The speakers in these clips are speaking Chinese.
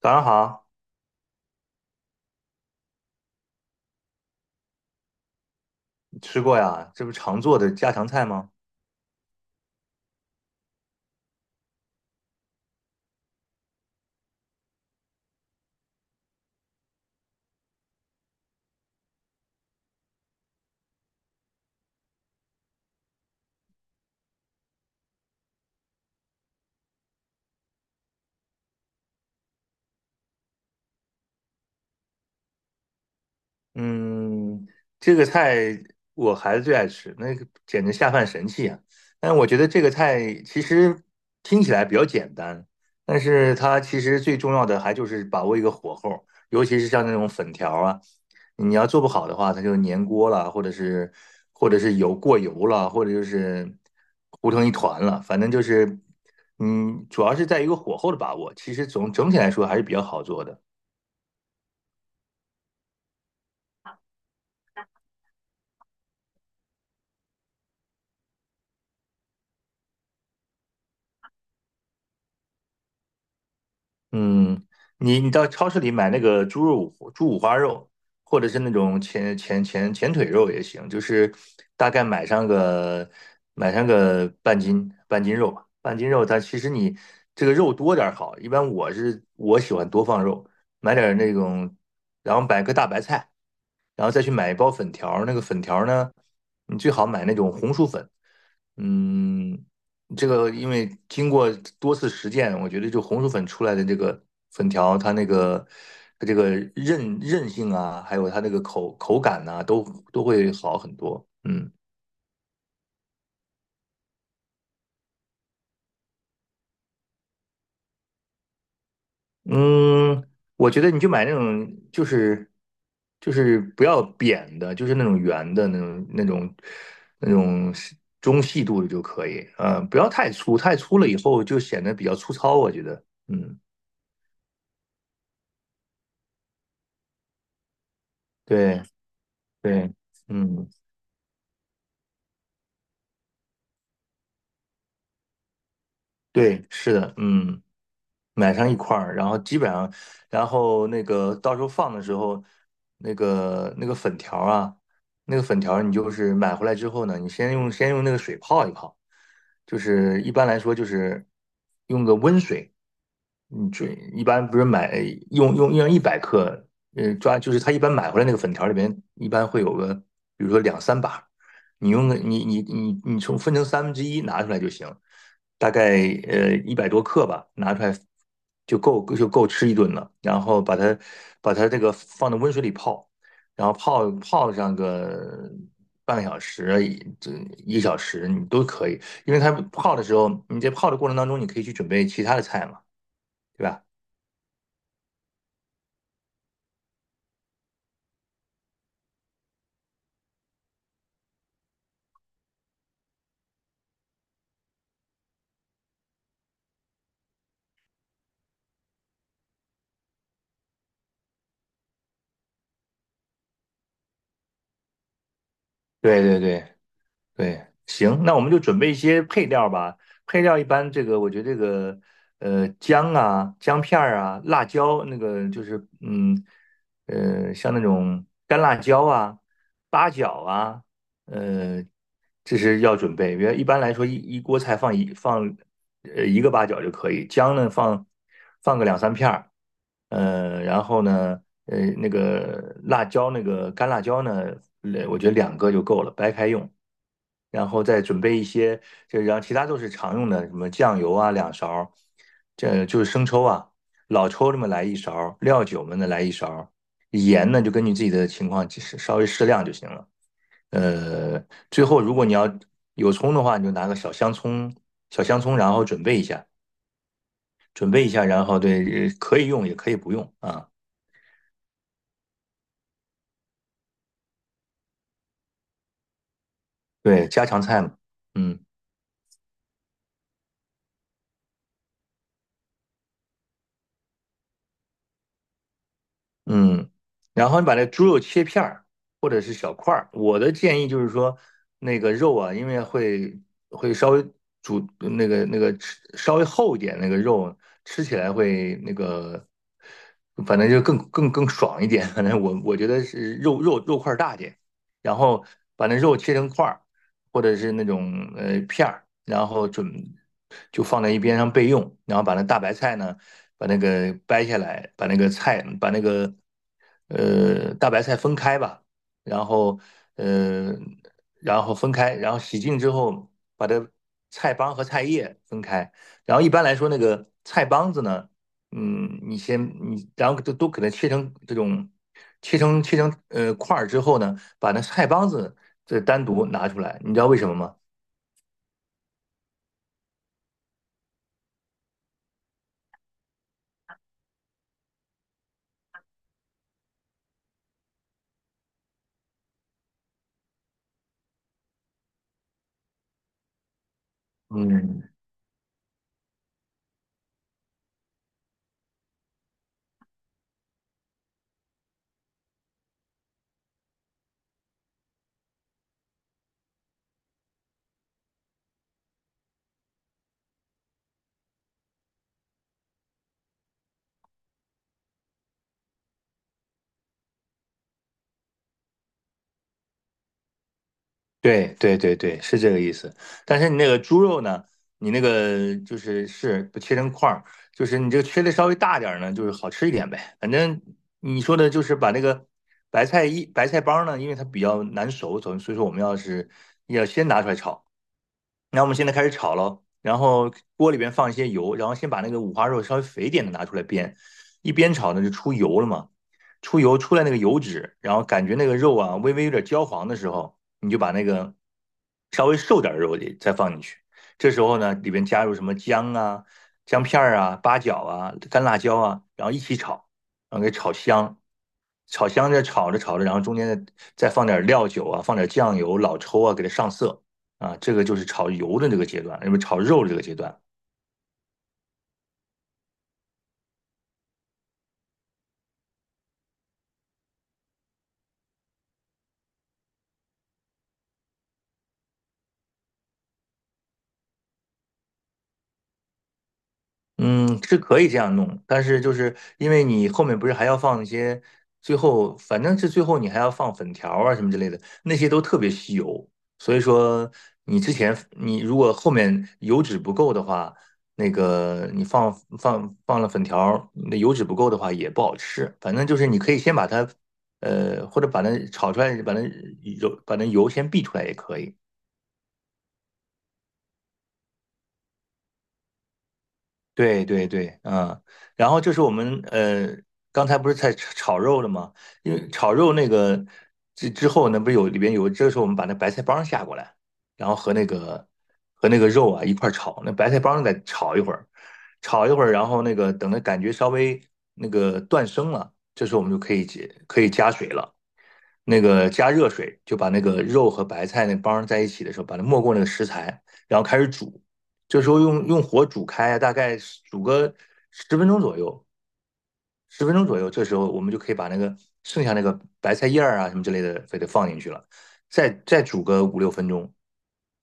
早上好，你吃过呀？这不是常做的家常菜吗？嗯，这个菜我孩子最爱吃，那个简直下饭神器啊！但我觉得这个菜其实听起来比较简单，但是它其实最重要的还就是把握一个火候，尤其是像那种粉条啊，你要做不好的话，它就粘锅了，或者是油过油了，或者就是糊成一团了，反正就是，嗯，主要是在一个火候的把握，其实总整体来说还是比较好做的。嗯，你到超市里买那个猪肉、猪五花肉，或者是那种前腿肉也行，就是大概买上个半斤肉吧。半斤肉它其实你这个肉多点儿好，一般我喜欢多放肉，买点儿那种，然后买个大白菜，然后再去买一包粉条儿，那个粉条儿呢，你最好买那种红薯粉。嗯，这个因为经过多次实践，我觉得就红薯粉出来的这个粉条，它那个它这个韧性啊，还有它那个口感呐、都会好很多。嗯。嗯，我觉得你就买那种，就是就是不要扁的，就是那种圆的那种中细度的就可以，不要太粗，太粗了以后就显得比较粗糙，我觉得，嗯，对对，嗯，对，是的，嗯。买上一块儿，然后基本上，然后那个到时候放的时候，那个粉条儿啊，那个粉条儿你就是买回来之后呢，你先用那个水泡一泡，就是一般来说就是用个温水，你准一般不是买用100克，就是他一般买回来那个粉条里边一般会有个，比如说两三把，你用个你从分成1/3拿出来就行，大概100多克吧，拿出来就够吃一顿了。然后把它这个放到温水里泡，然后泡上个半个小时，一个小时你都可以，因为它泡的时候，你在泡的过程当中，你可以去准备其他的菜嘛。对吧？对对对对，行，那我们就准备一些配料吧。配料一般，这个我觉得这个姜啊、姜片儿啊、辣椒，那个就是像那种干辣椒啊、八角啊、呃这是要准备，因为一般来说一锅菜放一放一个八角就可以，姜呢放个两三片儿，然后呢那个辣椒那个干辣椒呢，我觉得两个就够了，掰开用，然后再准备一些，就然后其他都是常用的，什么酱油啊两勺儿这就是生抽啊，老抽这么来一勺儿料酒们呢来一勺儿盐呢就根据自己的情况稍微适量就行了。呃，最后如果你要有葱的话，你就拿个小香葱，小香葱，然后准备一下，准备一下，然后对，可以用也可以不用啊。对，家常菜嘛，嗯。嗯，然后你把那猪肉切片儿或者是小块儿。我的建议就是说，那个肉啊，因为会会稍微煮那个吃稍微厚一点，那个肉吃起来会那个，反正就更爽一点。反正我觉得是肉块儿大点，然后把那肉切成块儿。或者是那种片儿，然后就放在一边上备用，然后把那大白菜呢，把那个掰下来，把那个菜把那个大白菜分开吧，然后呃然后分开，然后洗净之后把这菜帮和菜叶分开，然后一般来说那个菜帮子呢。嗯，你先你，然后都给它切成这种，切成块儿之后呢，把那菜帮子这单独拿出来，你知道为什么吗？嗯，对对对对，是这个意思。但是你那个猪肉呢，你那个就是是不切成块儿，就是你这个切的稍微大点儿呢，就是好吃一点呗。反正你说的就是把那个白菜一白菜帮呢，因为它比较难熟，所以说我们要是要先拿出来炒。那我们现在开始炒喽，然后锅里边放一些油，然后先把那个五花肉稍微肥一点的拿出来煸，一煸炒呢就出油了嘛，出油出来那个油脂，然后感觉那个肉啊微微有点焦黄的时候，你就把那个稍微瘦点儿的肉也再放进去，这时候呢里边加入什么姜啊、姜片儿啊、八角啊、干辣椒啊，然后一起炒，然后给炒香。炒香着炒着炒着，然后中间再放点料酒啊，放点酱油、老抽啊，给它上色。啊，这个就是炒油的这个阶段，因为炒肉的这个阶段，嗯，是可以这样弄，但是就是因为你后面不是还要放一些，最后反正是最后你还要放粉条啊什么之类的，那些都特别吸油，所以说你之前你如果后面油脂不够的话，那个你放了粉条，那油脂不够的话也不好吃，反正就是你可以先把它，或者把它炒出来，把那油把那油先避出来也可以。对对对，嗯，然后就是我们刚才不是在炒肉了吗？因为炒肉那个之后那不是有里边有，这个时候我们把那白菜帮下过来，然后和那个肉啊一块儿炒，那白菜帮再炒一会儿，炒一会儿，然后那个等它感觉稍微那个断生了，这时候我们就可以加水了。那个加热水，就把那个肉和白菜那帮在一起的时候，把它没过那个食材，然后开始煮。这时候用火煮开啊，大概煮个十分钟左右，十分钟左右，这时候我们就可以把那个剩下那个白菜叶儿啊什么之类的，非得放进去了，再煮个五六分钟。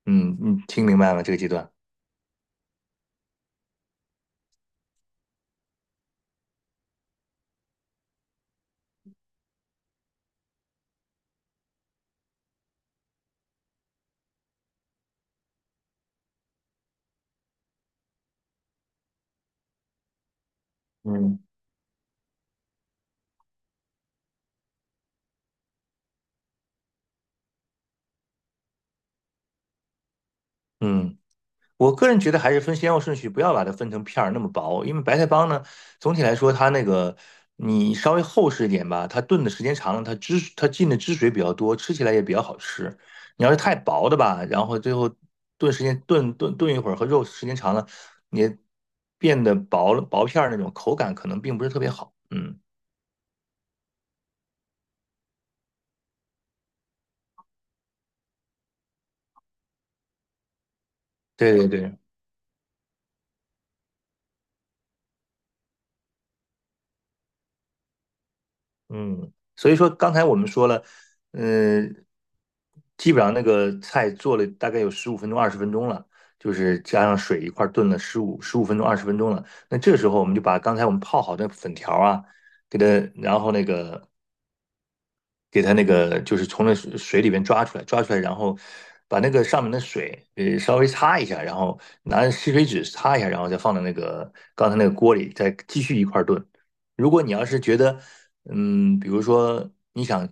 嗯，嗯，听明白吗？这个阶段？嗯，嗯。我个人觉得还是分先后顺序，不要把它分成片儿那么薄，因为白菜帮呢，总体来说它那个你稍微厚实一点吧，它炖的时间长了，它汁它进的汁水比较多，吃起来也比较好吃。你要是太薄的吧，然后最后炖时间炖一会儿和肉时间长了，也变得薄了薄片儿那种口感可能并不是特别好。嗯，对对对。嗯，所以说刚才我们说了，嗯，基本上那个菜做了大概有十五分钟、二十分钟了，就是加上水一块儿炖了十五分钟、二十分钟了。那这时候我们就把刚才我们泡好的粉条啊，给它，然后那个给它那个就是从那水里边抓出来，抓出来，然后把那个上面的水稍微擦一下，然后拿吸水纸擦一下，然后再放到那个刚才那个锅里，再继续一块儿炖。如果你要是觉得，嗯，比如说你想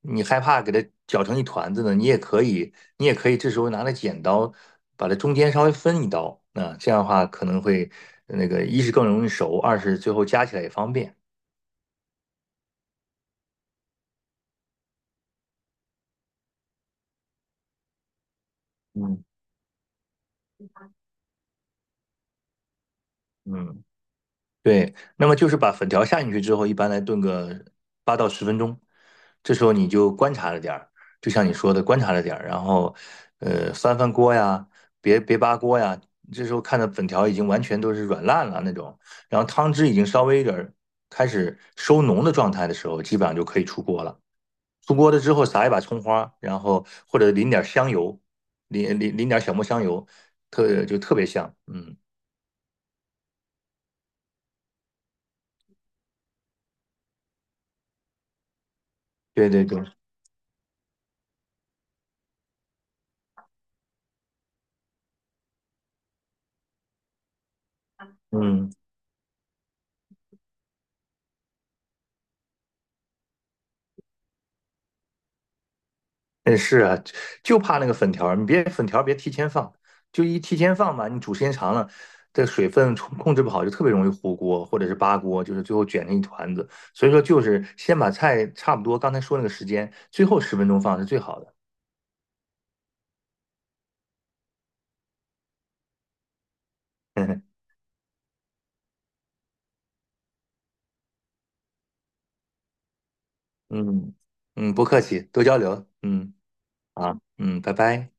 你害怕给它搅成一团子呢，你也可以，你也可以这时候拿着剪刀把它中间稍微分一刀，那这样的话可能会那个一是更容易熟，二是最后加起来也方便。嗯嗯。对，那么就是把粉条下进去之后，一般来炖个8到10分钟，这时候你就观察着点儿，就像你说的观察着点儿，然后翻翻锅呀，别扒锅呀，这时候看到粉条已经完全都是软烂了那种，然后汤汁已经稍微有点儿开始收浓的状态的时候，基本上就可以出锅了。出锅了之后撒一把葱花，然后或者淋点儿香油，淋点儿小磨香油，特别香。嗯，对对对，嗯。哎，是啊，就怕那个粉条儿，你别粉条儿别提前放，就一提前放吧，你煮时间长了，这水分控制不好，就特别容易糊锅或者是扒锅，就是最后卷成一团子。所以说，就是先把菜差不多刚才说那个时间，最后十分钟放是最好的。嗯嗯，不客气，多交流。嗯，好，嗯，拜拜。